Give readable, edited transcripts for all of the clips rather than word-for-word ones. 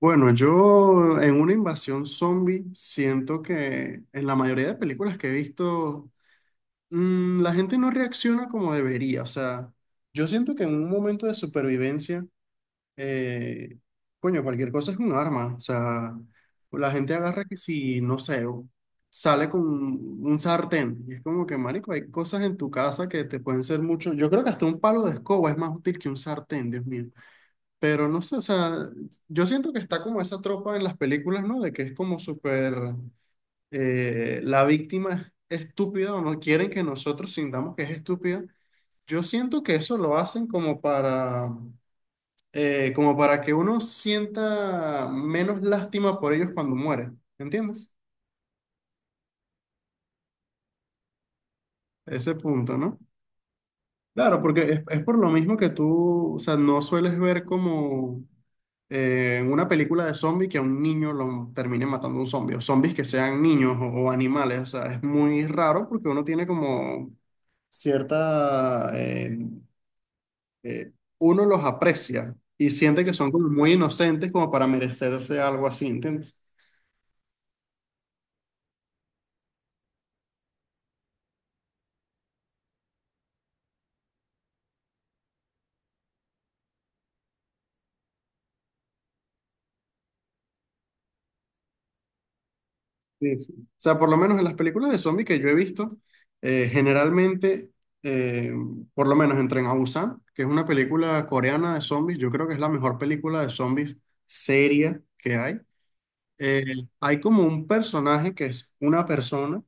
Bueno, yo en una invasión zombie siento que en la mayoría de películas que he visto, la gente no reacciona como debería. O sea, yo siento que en un momento de supervivencia, eh, coño, cualquier cosa es un arma. O sea, la gente agarra que si, no sé, sale con un sartén. Y es como que, marico, hay cosas en tu casa que te pueden ser mucho. Yo creo que hasta un palo de escoba es más útil que un sartén, Dios mío. Pero no sé, o sea, yo siento que está como esa tropa en las películas, ¿no? De que es como súper, la víctima es estúpida o no quieren que nosotros sintamos que es estúpida. Yo siento que eso lo hacen como para, como para que uno sienta menos lástima por ellos cuando muere, ¿entiendes? Ese punto, ¿no? Claro, porque es por lo mismo que tú, o sea, no sueles ver como en una película de zombie que a un niño lo termine matando un zombie, o zombies que sean niños o animales, o sea, es muy raro porque uno tiene como cierta, eh, uno los aprecia y siente que son como muy inocentes como para merecerse algo así, ¿entiendes? Sí, sí. O sea, por lo menos en las películas de zombies que yo he visto, generalmente, eh, por lo menos en Tren a Busan, que es una película coreana de zombies, yo creo que es la mejor película de zombies seria que hay. Eh, Hay como un personaje que es una persona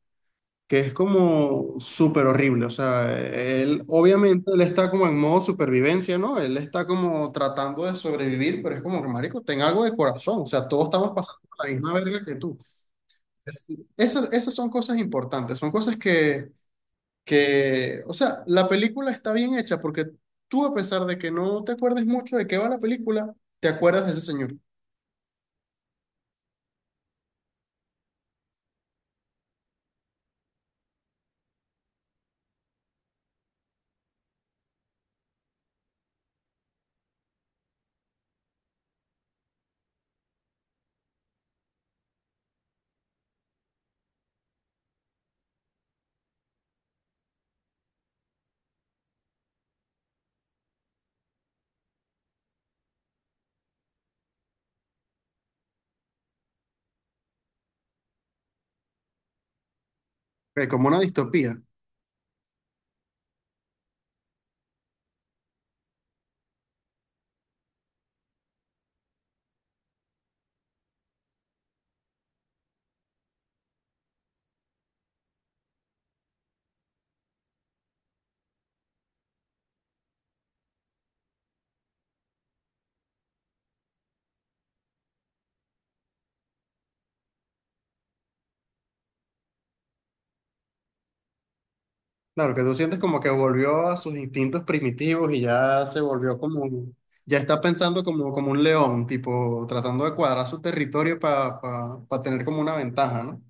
que es como súper horrible. O sea, él obviamente él está como en modo supervivencia, ¿no? Él está como tratando de sobrevivir, pero es como que, marico, ten algo de corazón. O sea, todos estamos pasando por la misma verga que tú. Es- Esas, esas son cosas importantes, son cosas que, o sea, la película está bien hecha porque tú, a pesar de que no te acuerdes mucho de qué va la película, te acuerdas de ese señor. Como una distopía. Claro, que tú sientes como que volvió a sus instintos primitivos y ya se volvió como, ya está pensando como, como un león, tipo, tratando de cuadrar su territorio para tener como una ventaja, ¿no?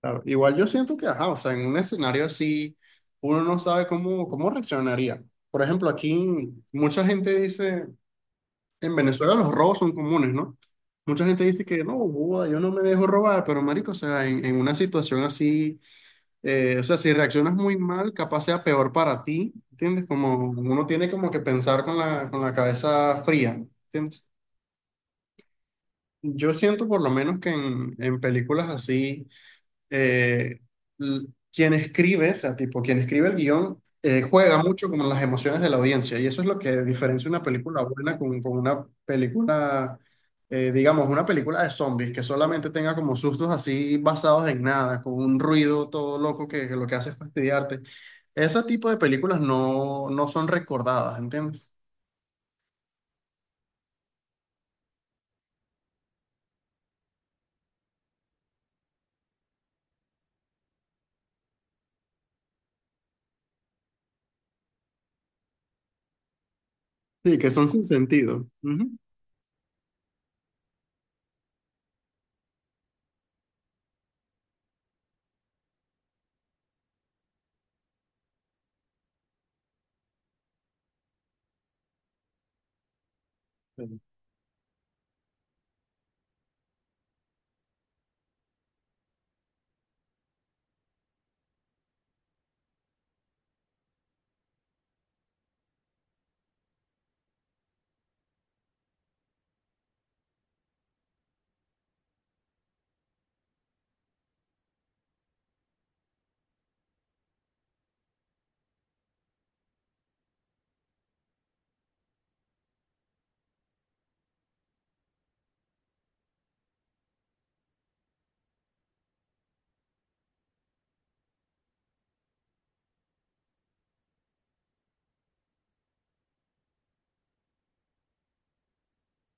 Claro, igual yo siento que, ajá, o sea, en un escenario así, uno no sabe cómo, cómo reaccionaría. Por ejemplo, aquí mucha gente dice, en Venezuela los robos son comunes, ¿no? Mucha gente dice que no, boda, yo no me dejo robar, pero marico, o sea, en una situación así, o sea, si reaccionas muy mal, capaz sea peor para ti, ¿entiendes? Como uno tiene como que pensar con la cabeza fría, ¿entiendes? Yo siento por lo menos que en películas así eh, l- quien escribe, o sea, tipo, quien escribe el guión, juega mucho con las emociones de la audiencia y eso es lo que diferencia una película buena con una película, digamos, una película de zombies que solamente tenga como sustos así basados en nada, con un ruido todo loco que lo que hace es fastidiarte. Ese tipo de películas no, no son recordadas, ¿entiendes? Sí, que son sin sentido.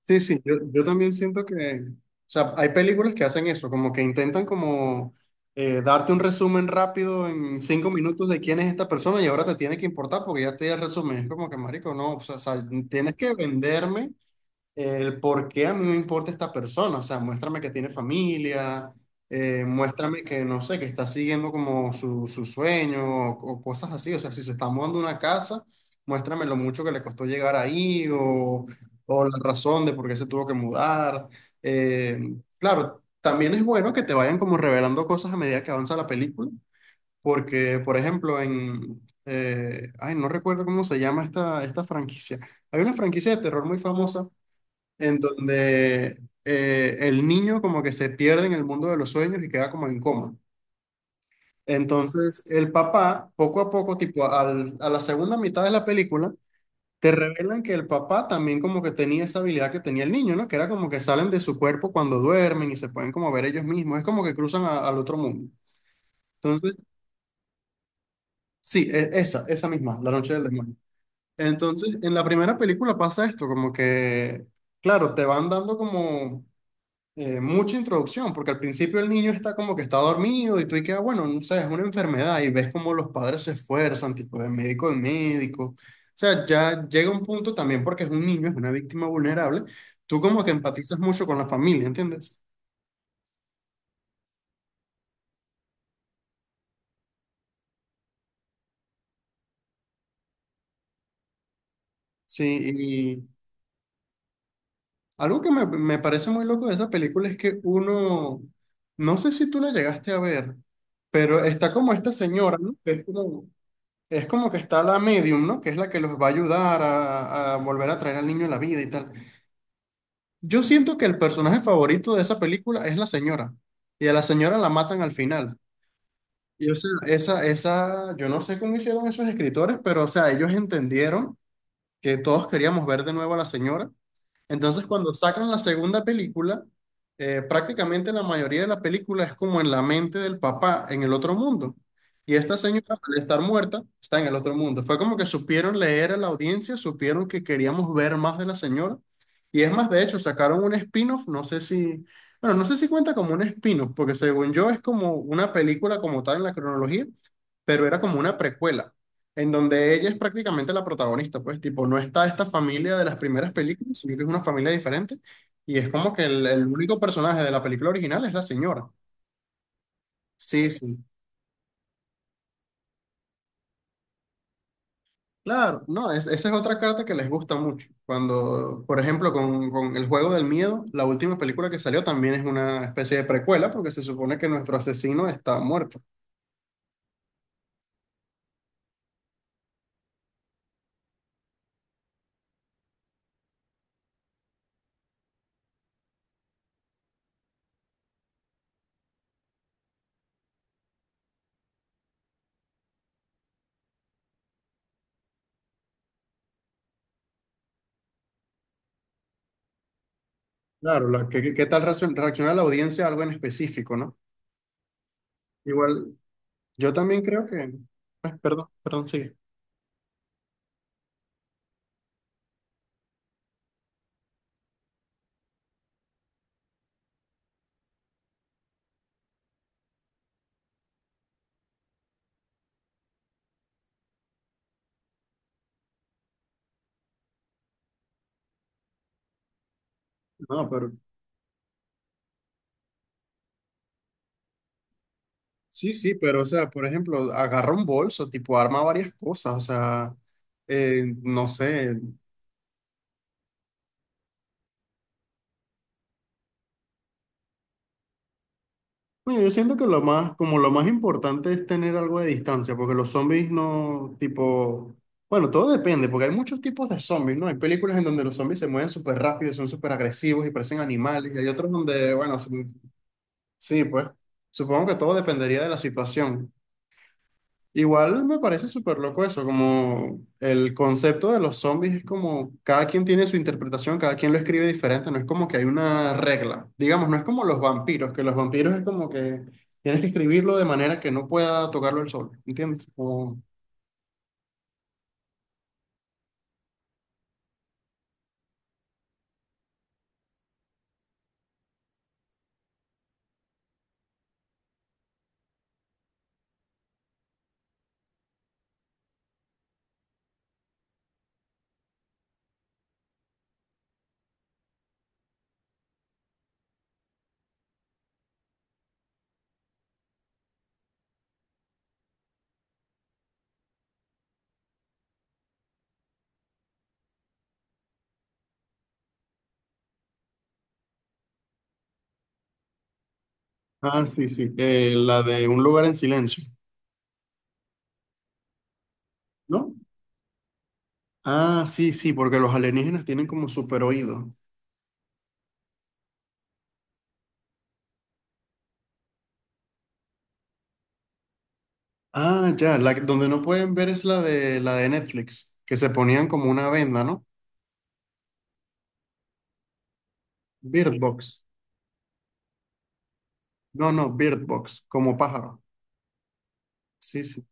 Sí, sí, yo también siento que, o sea, hay películas que hacen eso, como que intentan como darte un resumen rápido en 5 minutos de quién es esta persona y ahora te tiene que importar porque ya te di el resumen. Es como que, marico, no, o sea, tienes que venderme el por qué a mí me importa esta persona, o sea, muéstrame que tiene familia, muéstrame que, no sé, que está siguiendo como su sueño o cosas así, o sea, si se está mudando una casa, muéstrame lo mucho que le costó llegar ahí o la razón de por qué se tuvo que mudar. Eh, claro, también es bueno que te vayan como revelando cosas a medida que avanza la película, porque, por ejemplo, ay, no recuerdo cómo se llama esta, esta franquicia. Hay una franquicia de terror muy famosa en donde el niño como que se pierde en el mundo de los sueños y queda como en coma. Entonces, el papá, poco a poco, tipo a la segunda mitad de la película, te revelan que el papá también como que tenía esa habilidad que tenía el niño, ¿no? Que era como que salen de su cuerpo cuando duermen y se pueden como ver ellos mismos. Es como que cruzan al otro mundo. Entonces, sí, esa, esa misma, La Noche del Demonio. Entonces, en la primera película pasa esto, como que, claro, te van dando como mucha introducción, porque al principio el niño está como que está dormido y tú y queda bueno, no sé, es una enfermedad y ves como los padres se esfuerzan, tipo de médico en médico. O sea, ya llega un punto también porque es un niño, es una víctima vulnerable, tú como que empatizas mucho con la familia, ¿entiendes? Sí, y algo que me parece muy loco de esa película es que uno, no sé si tú la llegaste a ver, pero está como esta señora, ¿no? Que es como, es como que está la medium, ¿no? Que es la que los va a ayudar a volver a traer al niño a la vida y tal. Yo siento que el personaje favorito de esa película es la señora. Y a la señora la matan al final. Y o sea, esa, yo no sé cómo hicieron esos escritores, pero o sea, ellos entendieron que todos queríamos ver de nuevo a la señora entonces, cuando sacan la segunda película, prácticamente la mayoría de la película es como en la mente del papá en el otro mundo. Y esta señora, al estar muerta, está en el otro mundo. Fue como que supieron leer a la audiencia, supieron que queríamos ver más de la señora. Y es más, de hecho, sacaron un spin-off, no sé si, bueno, no sé si cuenta como un spin-off, porque según yo es como una película como tal en la cronología, pero era como una precuela en donde ella es prácticamente la protagonista, pues, tipo, no está esta familia de las primeras películas, sino que es una familia diferente, y es como que el único personaje de la película original es la señora. Sí, sí. Claro, no, esa es otra carta que les gusta mucho. Cuando, por ejemplo, con El Juego del Miedo, la última película que salió también es una especie de precuela, porque se supone que nuestro asesino está muerto. Claro, la, ¿qué tal reacciona la audiencia a algo en específico, ¿no? Igual, yo también creo que... perdón, perdón, sigue. No, pero sí, sí, pero o sea, por ejemplo, agarra un bolso, tipo arma varias cosas, o sea, no sé. Bueno, yo siento que lo más, como lo más importante es tener algo de distancia, porque los zombies no, tipo, bueno, todo depende, porque hay muchos tipos de zombies, ¿no? Hay películas en donde los zombies se mueven súper rápido, y son súper agresivos y parecen animales, y hay otros donde, bueno, sí, sí, pues, supongo que todo dependería de la situación. Igual me parece súper loco eso, como el concepto de los zombies es como cada quien tiene su interpretación, cada quien lo escribe diferente, no es como que hay una regla. Digamos, no es como los vampiros, que los vampiros es como que tienes que escribirlo de manera que no pueda tocarlo el sol, ¿entiendes? Como... Ah, sí, sí, la de un lugar en silencio, ¿no? Ah, sí, sí, porque los alienígenas tienen como super oído. Ah, ya, donde no pueden ver es la de Netflix, que se ponían como una venda, ¿no? Bird Box. No, no, Bird Box, como pájaro. Sí, sí.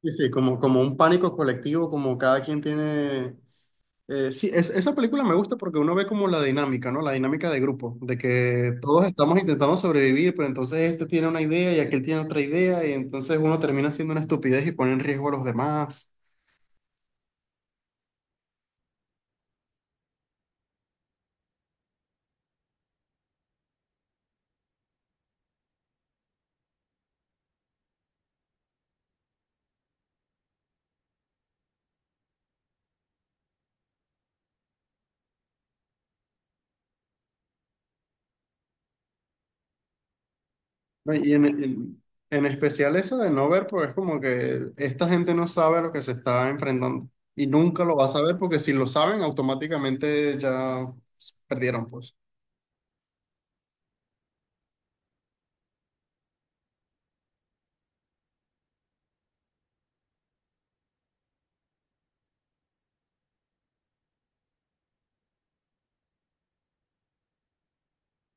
Sí, sí, como, como un pánico colectivo, como cada quien tiene... sí, esa película me gusta porque uno ve como la dinámica, ¿no? La dinámica de grupo, de que todos estamos intentando sobrevivir, pero entonces este tiene una idea y aquel tiene otra idea, y entonces uno termina haciendo una estupidez y pone en riesgo a los demás. ¿No? Y en especial esa de no ver, porque es como que esta gente no sabe a lo que se está enfrentando y nunca lo va a saber porque si lo saben, automáticamente ya perdieron, pues.